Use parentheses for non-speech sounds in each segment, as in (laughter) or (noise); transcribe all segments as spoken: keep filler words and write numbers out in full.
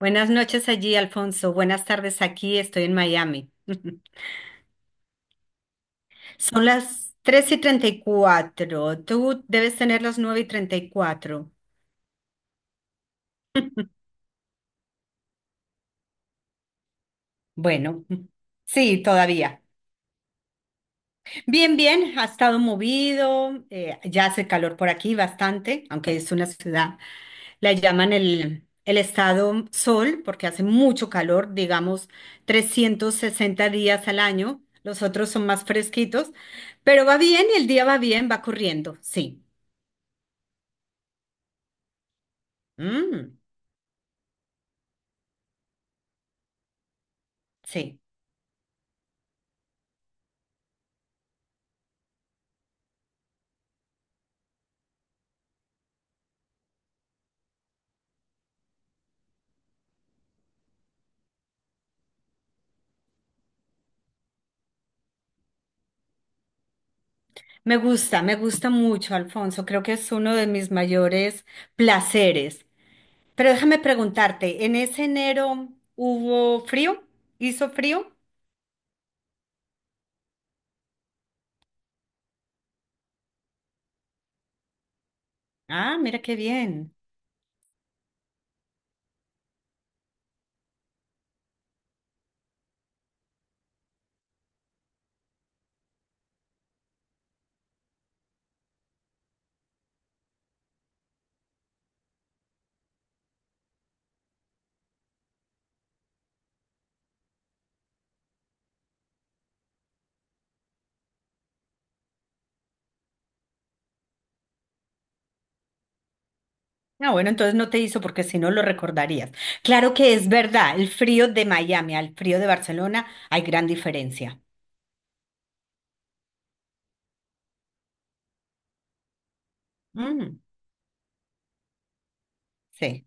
Buenas noches allí, Alfonso. Buenas tardes aquí, estoy en Miami. (laughs) Son las tres y treinta y cuatro. Tú debes tener las nueve y treinta y cuatro. Bueno, (laughs) sí, todavía. Bien, bien, ha estado movido, eh, ya hace calor por aquí bastante, aunque es una ciudad, la llaman el, el estado sol porque hace mucho calor, digamos trescientos sesenta días al año, los otros son más fresquitos, pero va bien y el día va bien, va corriendo, sí. Mm, sí, me gusta, me gusta mucho, Alfonso, creo que es uno de mis mayores placeres. Pero déjame preguntarte, ¿en ese enero hubo frío? ¿Hizo frío? Ah, mira qué bien. Ah, bueno, entonces no te hizo porque si no lo recordarías. Claro que es verdad, el frío de Miami al frío de Barcelona hay gran diferencia. Mm, sí,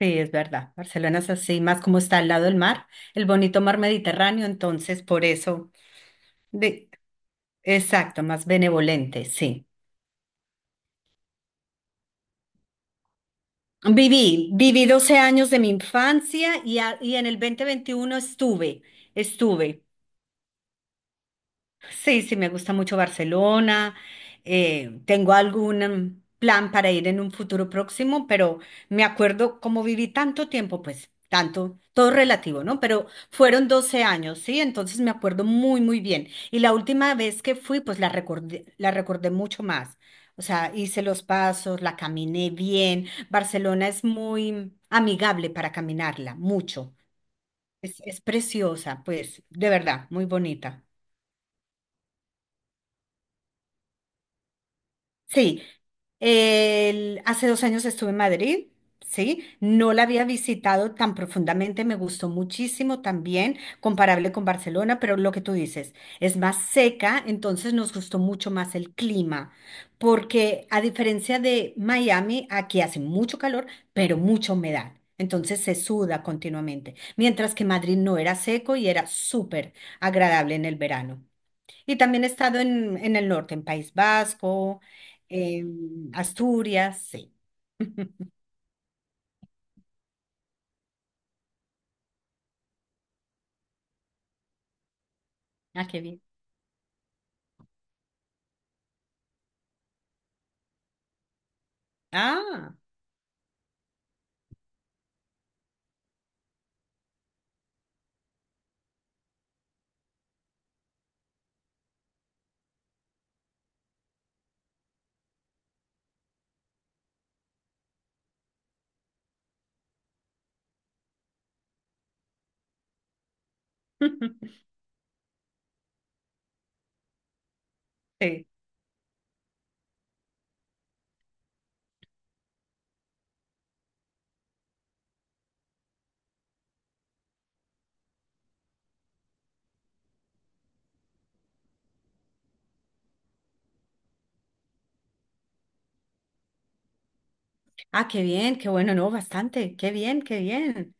sí, es verdad. Barcelona es así, más como está al lado del mar, el bonito mar Mediterráneo, entonces por eso, de, exacto, más benevolente, sí. Viví, viví doce años de mi infancia y, a- y en el dos mil veintiuno estuve, estuve. Sí, sí, me gusta mucho Barcelona. Eh, tengo algún mm, plan para ir en un futuro próximo, pero me acuerdo como viví tanto tiempo, pues tanto, todo relativo, ¿no? Pero fueron doce años, ¿sí? Entonces me acuerdo muy, muy bien. Y la última vez que fui, pues la recordé, la recordé mucho más. O sea, hice los pasos, la caminé bien. Barcelona es muy amigable para caminarla, mucho. Es, es preciosa, pues, de verdad, muy bonita. Sí, el- hace dos años estuve en Madrid, ¿sí? No la había visitado tan profundamente, me gustó muchísimo también, comparable con Barcelona, pero lo que tú dices, es más seca, entonces nos gustó mucho más el clima, porque a diferencia de Miami, aquí hace mucho calor, pero mucha humedad. Entonces se suda continuamente, mientras que Madrid no era seco y era súper agradable en el verano. Y también he estado en, en, el norte, en País Vasco, en Asturias, sí. (laughs) Ah, qué bien. Ah, (laughs) sí. Ah, qué bien, qué bueno, no, bastante, qué bien, qué bien.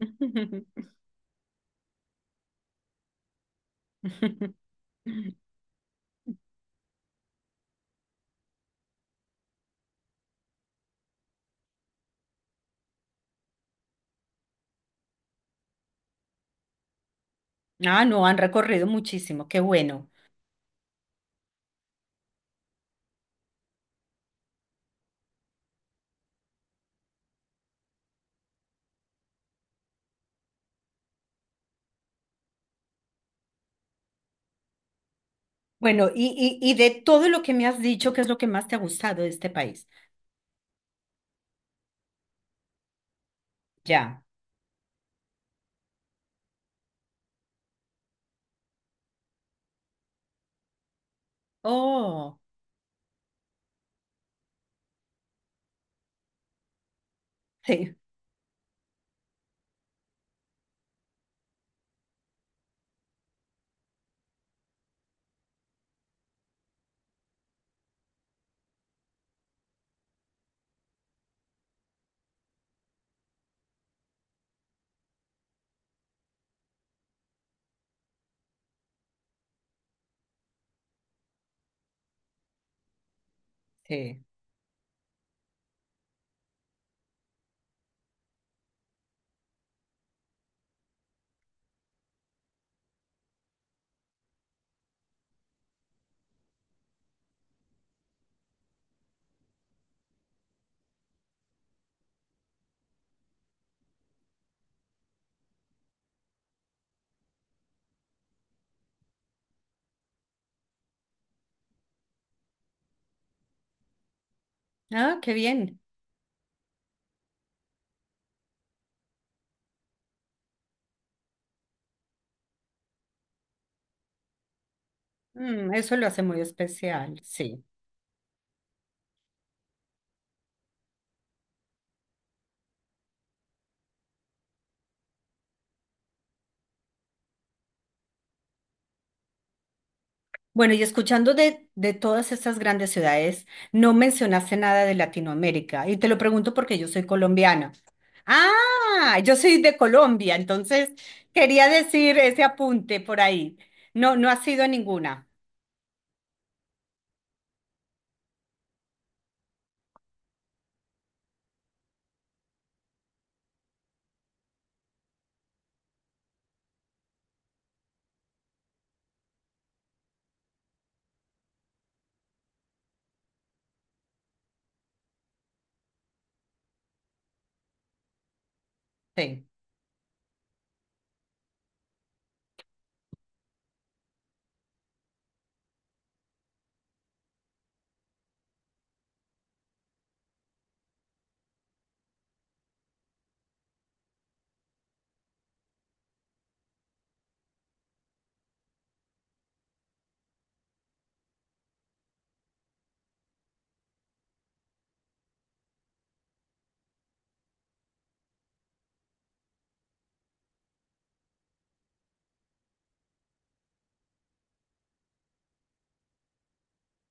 (laughs) Ah, no, han recorrido muchísimo, qué bueno. Bueno, y, y, y de todo lo que me has dicho, ¿qué es lo que más te ha gustado de este país? Ya. Oh, sí, sí. Ah, qué bien. Mm, eso lo hace muy especial, sí. Bueno, y escuchando de, de todas estas grandes ciudades, no mencionaste nada de Latinoamérica. Y te lo pregunto porque yo soy colombiana. Ah, yo soy de Colombia, entonces quería decir ese apunte por ahí. No, no ha sido ninguna. Sí.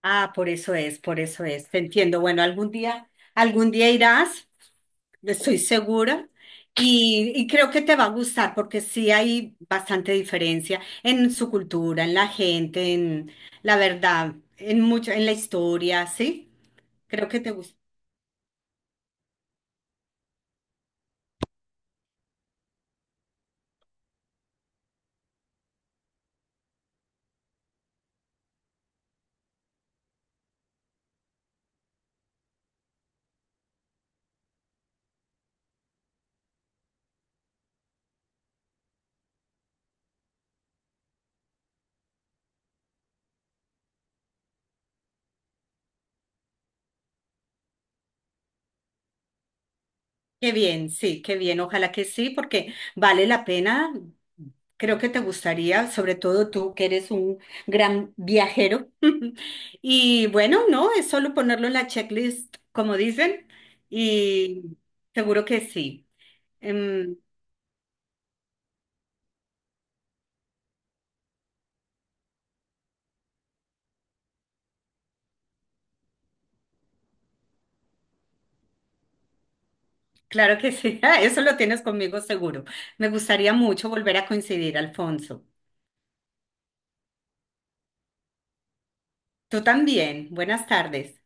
Ah, por eso es, por eso es. Te entiendo. Bueno, algún día, algún día irás, estoy segura, y, y creo que te va a gustar porque sí hay bastante diferencia en su cultura, en la gente, en la verdad, en mucho, en la historia, ¿sí? Creo que te gusta. Qué bien, sí, qué bien. Ojalá que sí, porque vale la pena. Creo que te gustaría, sobre todo tú que eres un gran viajero. (laughs) Y bueno, no, es solo ponerlo en la checklist, como dicen, y seguro que sí. Em, claro que sí, (laughs) ah, eso lo tienes conmigo seguro. Me gustaría mucho volver a coincidir, Alfonso. Tú también. Buenas tardes.